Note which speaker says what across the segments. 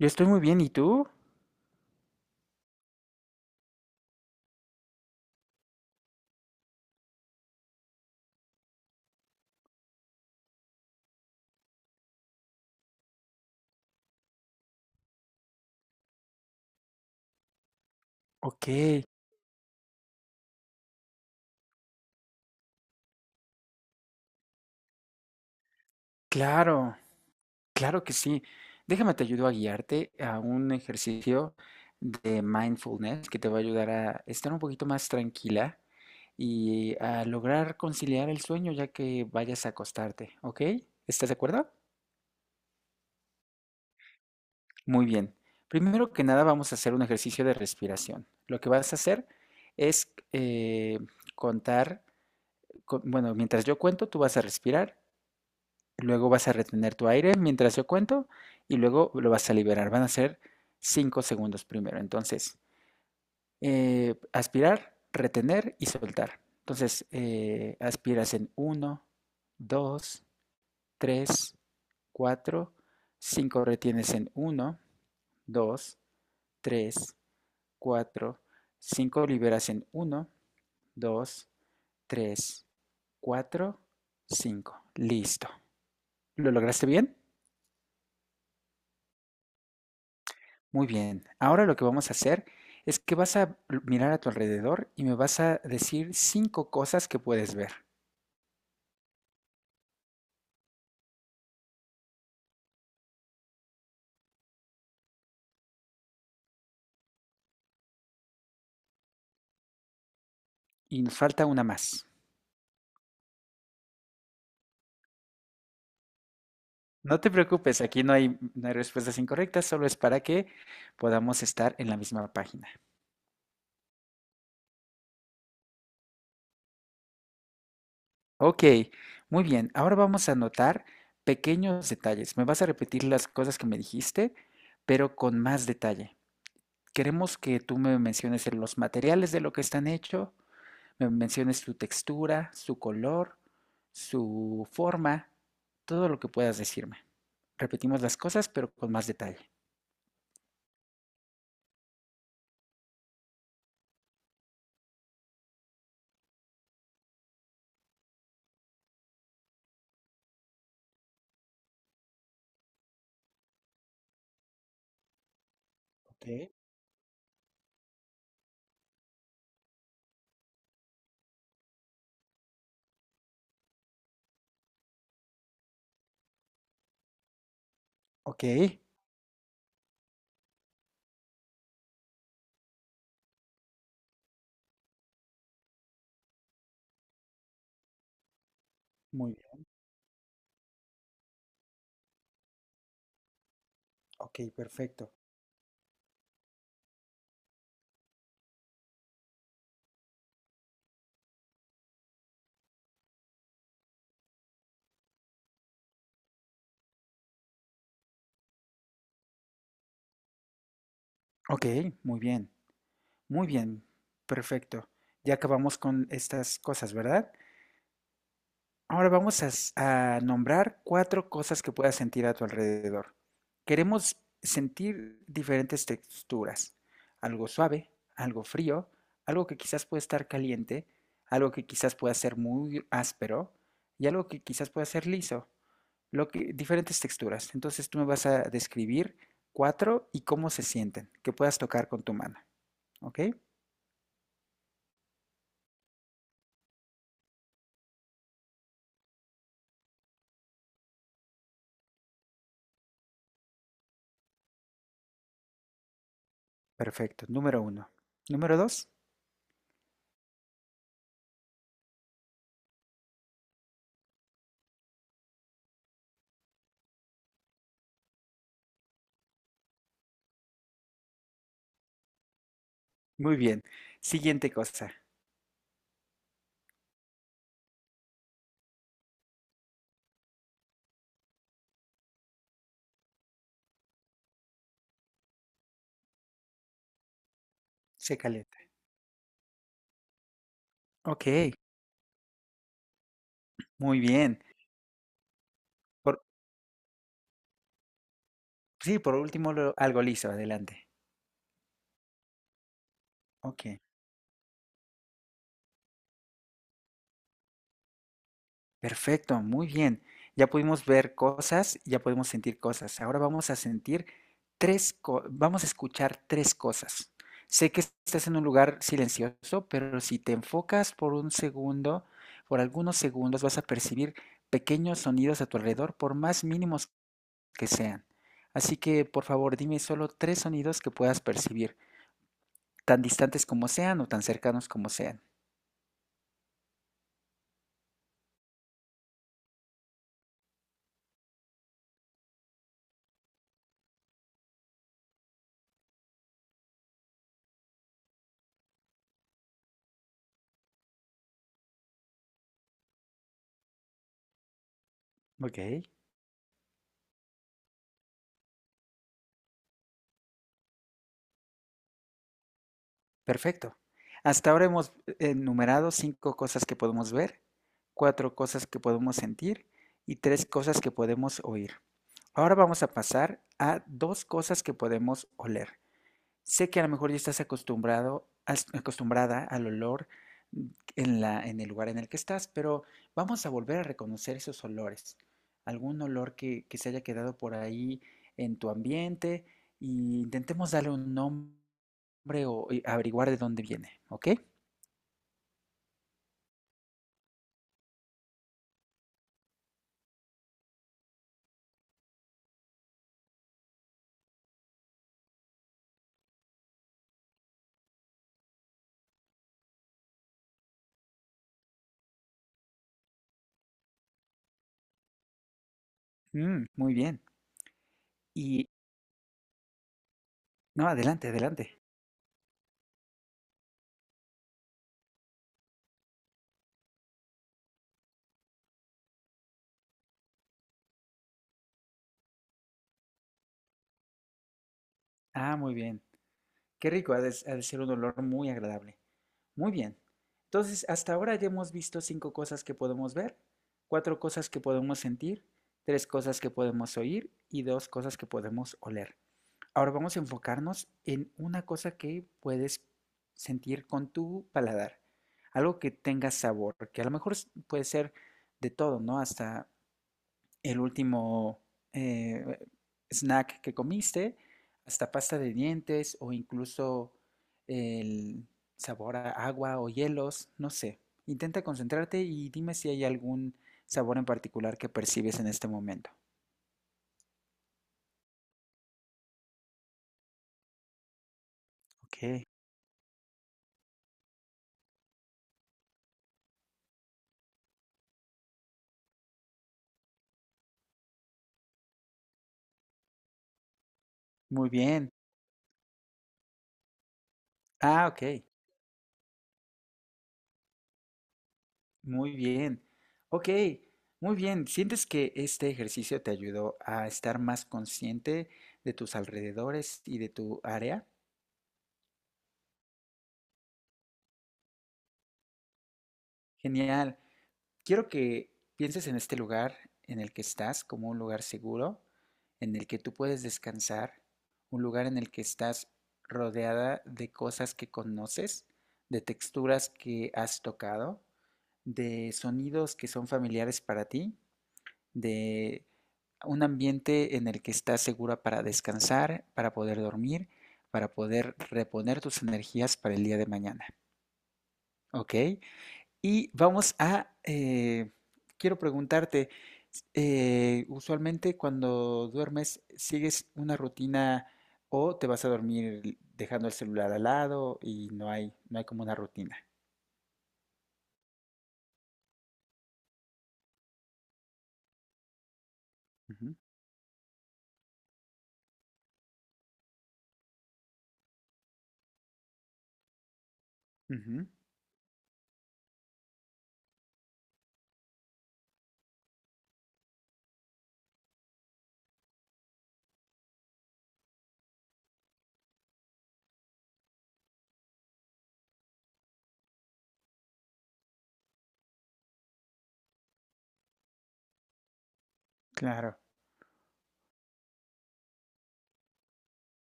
Speaker 1: Yo estoy muy bien, ¿y tú? Ok, claro, claro que sí. Déjame te ayudo a guiarte a un ejercicio de mindfulness que te va a ayudar a estar un poquito más tranquila y a lograr conciliar el sueño ya que vayas a acostarte, ¿ok? ¿Estás de acuerdo? Muy bien. Primero que nada vamos a hacer un ejercicio de respiración. Lo que vas a hacer es contar, bueno, mientras yo cuento, tú vas a respirar. Luego vas a retener tu aire mientras yo cuento y luego lo vas a liberar. Van a ser 5 segundos primero. Entonces, aspirar, retener y soltar. Entonces, aspiras en uno, dos, tres, cuatro, cinco. Retienes en uno, 2, 3, 4, 5. Liberas en uno, 2, 3, 4, 5. Listo. ¿Lo lograste bien? Muy bien, ahora lo que vamos a hacer es que vas a mirar a tu alrededor y me vas a decir cinco cosas que puedes ver. Y nos falta una más. No te preocupes, aquí no hay respuestas incorrectas, solo es para que podamos estar en la misma página. Ok, muy bien, ahora vamos a notar pequeños detalles. Me vas a repetir las cosas que me dijiste, pero con más detalle. Queremos que tú me menciones los materiales de lo que están hechos. Me menciones su textura, su color, su forma, todo lo que puedas decirme. Repetimos las cosas, pero con más detalle. Ok, ok, muy bien, ok, perfecto. Ok, muy bien, muy bien, perfecto. Ya acabamos con estas cosas, ¿verdad? Ahora vamos a nombrar cuatro cosas que puedas sentir a tu alrededor. Queremos sentir diferentes texturas, algo suave, algo frío, algo que quizás pueda estar caliente, algo que quizás pueda ser muy áspero y algo que quizás pueda ser liso. Lo que, diferentes texturas. Entonces tú me vas a describir cuatro y cómo se sienten, que puedas tocar con tu mano. ¿Ok? Perfecto. Número uno. Número dos. Muy bien. Siguiente cosa. Se calienta. Ok, muy bien. Por, sí, por último, algo liso, adelante. Ok, perfecto, muy bien. Ya pudimos ver cosas, ya podemos sentir cosas. Ahora vamos a sentir vamos a escuchar tres cosas. Sé que estás en un lugar silencioso, pero si te enfocas por un segundo, por algunos segundos, vas a percibir pequeños sonidos a tu alrededor, por más mínimos que sean. Así que, por favor, dime solo tres sonidos que puedas percibir, tan distantes como sean o tan cercanos como sean. Ok, perfecto. Hasta ahora hemos enumerado cinco cosas que podemos ver, cuatro cosas que podemos sentir y tres cosas que podemos oír. Ahora vamos a pasar a dos cosas que podemos oler. Sé que a lo mejor ya estás acostumbrado, acostumbrada al olor en el lugar en el que estás, pero vamos a volver a reconocer esos olores. Algún olor que se haya quedado por ahí en tu ambiente y intentemos darle un nombre o averiguar de dónde viene, ¿ok? Mm, muy bien. Y no, adelante, adelante. Ah, muy bien. Qué rico, ha de ser un olor muy agradable. Muy bien. Entonces, hasta ahora ya hemos visto cinco cosas que podemos ver, cuatro cosas que podemos sentir, tres cosas que podemos oír y dos cosas que podemos oler. Ahora vamos a enfocarnos en una cosa que puedes sentir con tu paladar, algo que tenga sabor, que a lo mejor puede ser de todo, ¿no? Hasta el último eh, snack que comiste, hasta pasta de dientes o incluso el sabor a agua o hielos, no sé. Intenta concentrarte y dime si hay algún sabor en particular que percibes en este momento. Ok, muy bien. Ah, ok, muy bien. Ok, muy bien. ¿Sientes que este ejercicio te ayudó a estar más consciente de tus alrededores y de tu área? Genial. Quiero que pienses en este lugar en el que estás como un lugar seguro, en el que tú puedes descansar, un lugar en el que estás rodeada de cosas que conoces, de texturas que has tocado, de sonidos que son familiares para ti, de un ambiente en el que estás segura para descansar, para poder dormir, para poder reponer tus energías para el día de mañana. ¿Ok? Y vamos a, eh, Quiero preguntarte, usualmente cuando duermes, ¿sigues una rutina o te vas a dormir dejando el celular al lado y no hay como una rutina? Ujú, ujú, claro,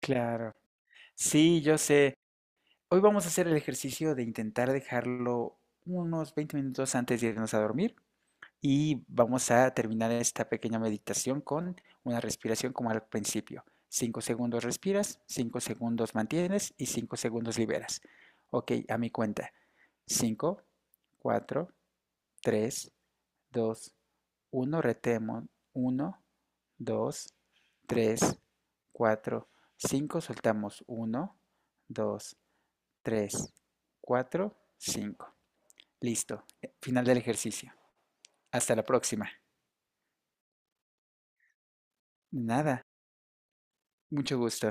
Speaker 1: claro. Sí, yo sé. Hoy vamos a hacer el ejercicio de intentar dejarlo unos 20 minutos antes de irnos a dormir. Y vamos a terminar esta pequeña meditación con una respiración como al principio. 5 segundos respiras, 5 segundos mantienes y 5 segundos liberas. Ok, a mi cuenta. Cinco, cuatro, tres, dos, uno. Retemos. Uno, 2, 3, 4, 5. Soltamos. Uno, 2, 3, 4, 5. Listo. Final del ejercicio. Hasta la próxima. Nada. Mucho gusto.